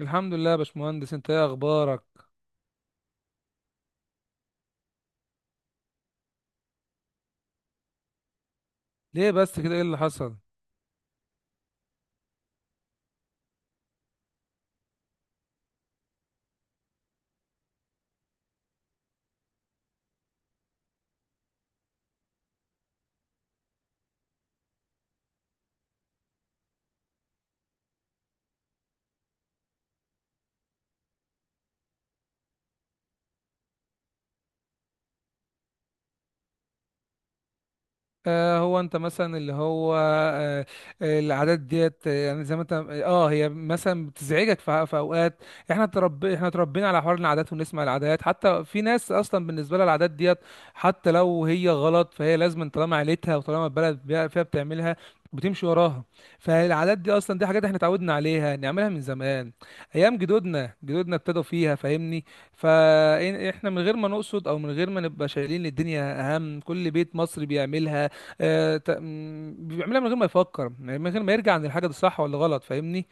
الحمد لله يا باشمهندس، انت ايه اخبارك؟ ليه بس كده؟ ايه اللي حصل؟ آه، هو انت مثلا اللي هو آه، آه، العادات ديت، يعني زي ما انت اه هي مثلا بتزعجك في اوقات. احنا اتربينا على حوار العادات ونسمع العادات، حتى في ناس اصلا بالنسبه لها العادات ديت حتى لو هي غلط فهي لازم، طالما عيلتها وطالما البلد فيها بتعملها بتمشي وراها. فالعادات دي اصلا دي حاجات احنا اتعودنا عليها نعملها من زمان، ايام جدودنا ابتدوا فيها، فاهمني؟ فاحنا من غير ما نقصد او من غير ما نبقى شايلين الدنيا اهم، كل بيت مصري بيعملها. بيعملها من غير ما يفكر، يعني من غير ما يرجع عن الحاجه دي صح ولا غلط، فاهمني؟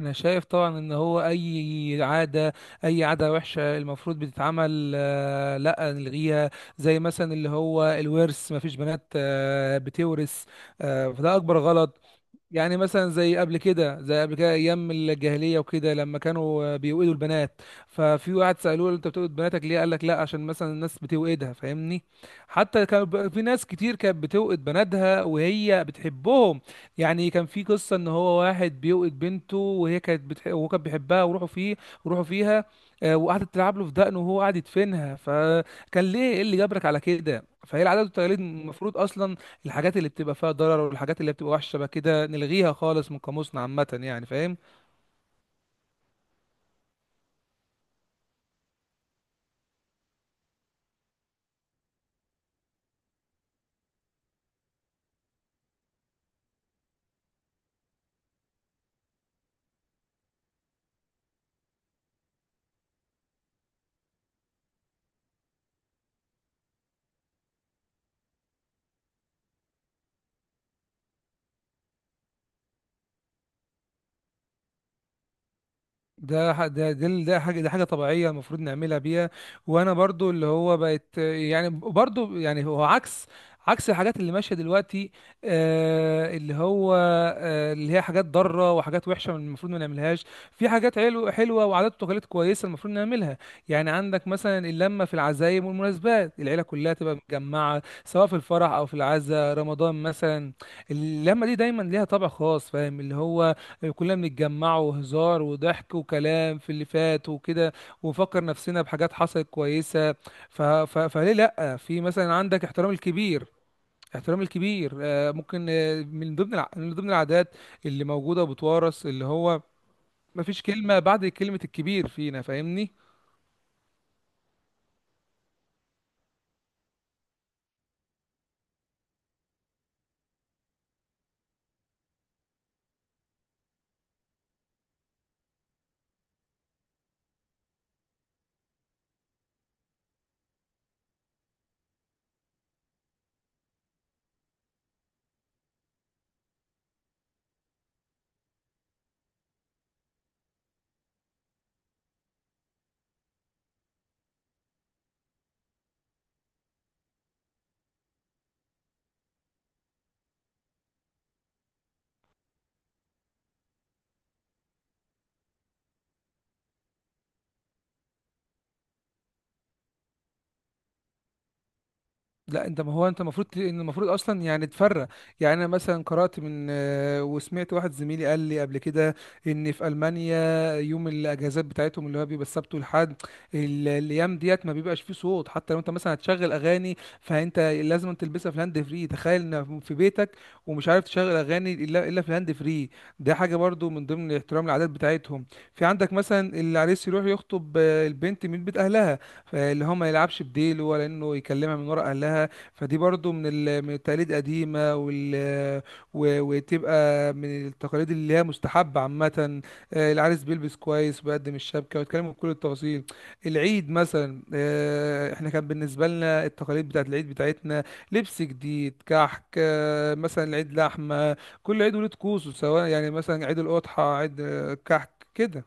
انا شايف طبعا ان هو اي اي عاده وحشه المفروض بتتعمل، لا نلغيها، زي مثلا اللي هو الورث، ما فيش بنات بتورث. فده اكبر غلط. يعني مثلا زي قبل كده ايام الجاهليه وكده، لما كانوا بيوئدوا البنات، ففي واحد سالوه انت بتوئد بناتك ليه، قال لك لا عشان مثلا الناس بتوئدها، فاهمني؟ حتى كان في ناس كتير كانت بتوئد بناتها وهي بتحبهم. يعني كان في قصه ان هو واحد بيوئد بنته، وهو كان بيحبها، وروحوا فيها. وقعدت تلعب له في دقنه وهو قاعد يدفنها، فكان ليه ايه اللي جبرك على كده؟ فهي العادات والتقاليد، المفروض اصلا الحاجات اللي بتبقى فيها ضرر والحاجات اللي بتبقى وحشه بقى كده نلغيها خالص من قاموسنا عامه، يعني فاهم؟ ده ح- ده ده ال- ده حاجه ده حاجه طبيعيه المفروض نعملها بيها. وانا برضو اللي هو بقت يعني برضو، يعني هو عكس الحاجات اللي ماشيه دلوقتي. آه اللي هو آه اللي هي حاجات ضاره وحاجات وحشه، المفروض ما نعملهاش. في حاجات حلوه حلوه، وعادات وتقاليد كويسه المفروض نعملها. يعني عندك مثلا اللمه في العزايم والمناسبات، العيله كلها تبقى متجمعه سواء في الفرح او في العزاء، رمضان مثلا. اللمه دي دايما ليها طابع خاص، فاهم اللي هو؟ كلنا بنتجمع، وهزار وضحك وكلام في اللي فات وكده، ونفكر نفسنا بحاجات حصلت كويسة. فليه لأ؟ في مثلا عندك احترام الكبير. احترام الكبير آه، ممكن آه، من ضمن الع... من ضمن العادات اللي موجودة وبتورث، اللي هو مفيش كلمة بعد كلمة الكبير فينا، فاهمني؟ لا انت، ما هو انت المفروض، ان المفروض اصلا يعني تفرق. يعني انا مثلا قرات من آه، وسمعت واحد زميلي قال لي قبل كده ان في المانيا، يوم الاجازات بتاعتهم اللي هو بيبقى السبت والحد، الايام ديت ما بيبقاش فيه صوت، حتى لو انت مثلا هتشغل اغاني فانت لازم تلبسها في الهاند فري، تخيل ان في بيتك ومش عارف تشغل اغاني الا في الهاند فري. ده حاجه برضو من ضمن احترام العادات بتاعتهم. في عندك مثلا العريس يروح يخطب البنت من بيت اهلها، فاللي هو ما يلعبش بديل، ولا انه يكلمها من ورا اهلها. فدي برضو من التقاليد قديمه، وتبقى من التقاليد اللي هي مستحبه عامه. العريس بيلبس كويس وبيقدم الشبكه ويتكلموا بكل التفاصيل. العيد مثلا، احنا كان بالنسبه لنا التقاليد بتاعت العيد بتاعتنا لبس جديد، كحك، مثلا العيد لحمه. كل عيد وليه طقوسه، سواء يعني مثلا عيد الاضحى، عيد كحك كده.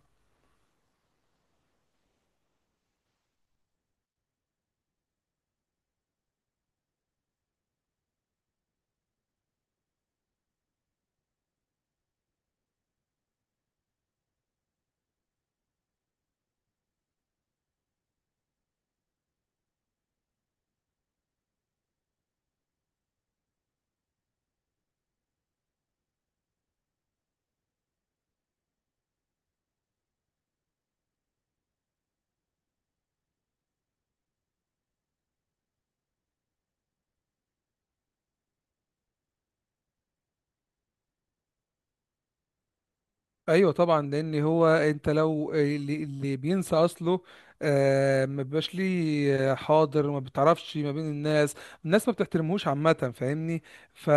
ايوه طبعا، لان هو انت لو اللي بينسى اصله ما بيبقاش ليه حاضر، ما بتعرفش ما بين الناس، الناس ما بتحترمهوش عامه، فاهمني؟ ف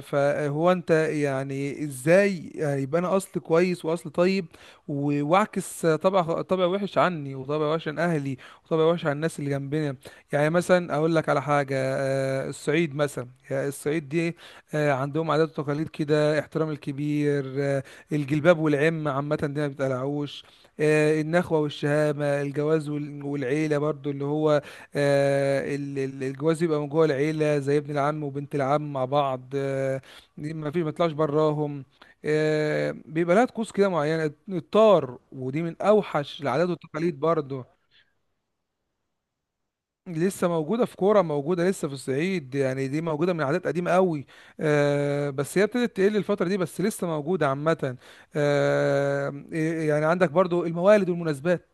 فهو انت يعني ازاي يبقى انا اصل كويس واصل طيب، واعكس طبع وحش عني، وطبع وحش عن اهلي، وطبع وحش عن الناس اللي جنبنا. يعني مثلا اقول لك على حاجه، الصعيد مثلا، يعني الصعيد دي عندهم عادات وتقاليد كده، احترام الكبير، الجلباب والعم عامة دي ما بتقلعوش، النخوة والشهامة، الجواز والعيلة برضو اللي هو، الجواز يبقى من جوه العيلة، زي ابن العم وبنت العم مع بعض. دي ما فيش ما يطلعش براهم. بيبقى لها طقوس كده معينة، الطار، ودي من أوحش العادات والتقاليد برضو. لسه موجودة في كورة، موجودة لسه في الصعيد، يعني دي موجودة من عادات قديمة قوي. بس هي ابتدت تقل الفترة دي، بس لسه موجودة عامة. آه يعني عندك برضو الموالد والمناسبات.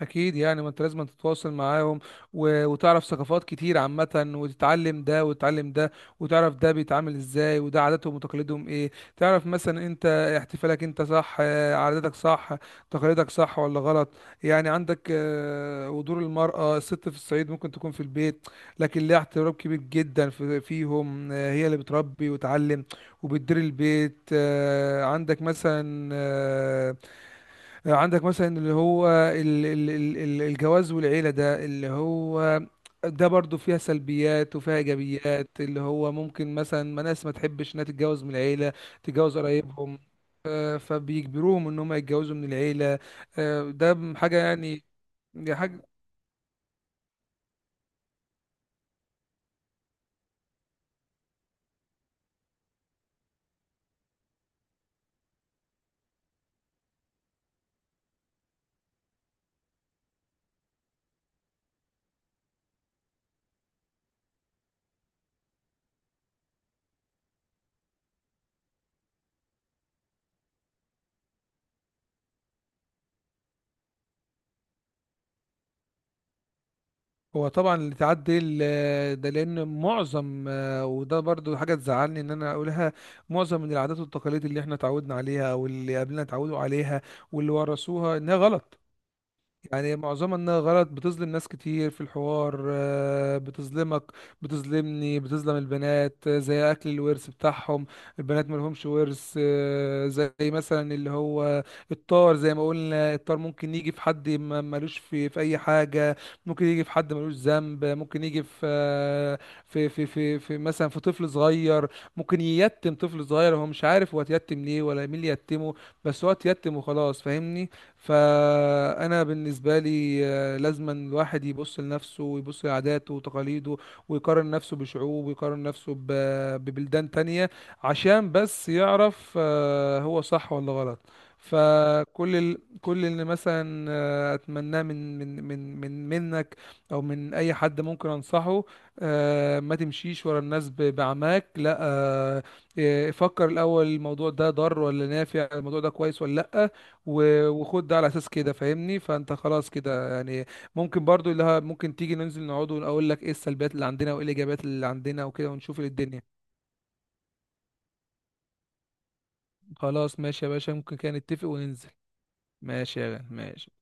اكيد، يعني ما انت لازم تتواصل معاهم وتعرف ثقافات كتير عامه، وتتعلم ده وتتعلم ده، وتعرف ده بيتعامل ازاي وده عاداتهم وتقاليدهم ايه. تعرف مثلا انت احتفالك انت صح، عاداتك صح، تقاليدك صح ولا غلط. يعني عندك ودور المرأة، الست في الصعيد ممكن تكون في البيت لكن ليها احترام كبير جدا فيهم. هي اللي بتربي وتعلم وبتدير البيت. عندك مثلا اللي هو الجواز والعيلة، ده اللي هو ده برضو فيها سلبيات وفيها إيجابيات، اللي هو ممكن مثلا ما ناس ما تحبش إنها تتجوز من العيلة، تتجوز قرايبهم. فبيجبروهم إن هم يتجوزوا من العيلة. ده حاجة يعني، دي حاجة. هو طبعا اللي تعدي ده، لأن معظم، وده برضو حاجة تزعلني إن أنا أقولها، معظم من العادات والتقاليد اللي إحنا اتعودنا عليها أو اللي قبلنا اتعودوا عليها واللي ورثوها إنها غلط. يعني معظمها انها غلط، بتظلم ناس كتير في الحوار. بتظلمك، بتظلمني، بتظلم البنات، زي اكل الورث بتاعهم، البنات ملهمش ورث. زي مثلا اللي هو الطار، زي ما قلنا الطار ممكن يجي في حد ملوش في اي حاجة، ممكن يجي في حد ملوش ذنب، ممكن يجي في آه، في في في, في مثلا في طفل صغير. ممكن ييتم طفل صغير هو مش عارف هو اتيتم ليه ولا مين اللي يتمه، بس هو اتيتم وخلاص، فاهمني؟ فانا بالنسبه لي لازما الواحد يبص لنفسه، ويبص لعاداته وتقاليده، ويقارن نفسه بشعوب، ويقارن نفسه ببلدان تانية، عشان بس يعرف هو صح ولا غلط. كل اللي مثلا اتمناه من من من من منك او من اي حد ممكن انصحه، ما تمشيش ورا الناس بعماك، لا. فكر الاول، الموضوع ده ضار ولا نافع، الموضوع ده كويس ولا لا، وخد ده على اساس كده، فاهمني؟ فانت خلاص كده يعني. ممكن برضو ممكن تيجي ننزل نقعد واقول لك ايه السلبيات اللي عندنا وايه الايجابيات اللي عندنا وكده، ونشوف الدنيا. خلاص ماشي يا باشا، ممكن كده نتفق وننزل. ماشي يا غالي، ماشي.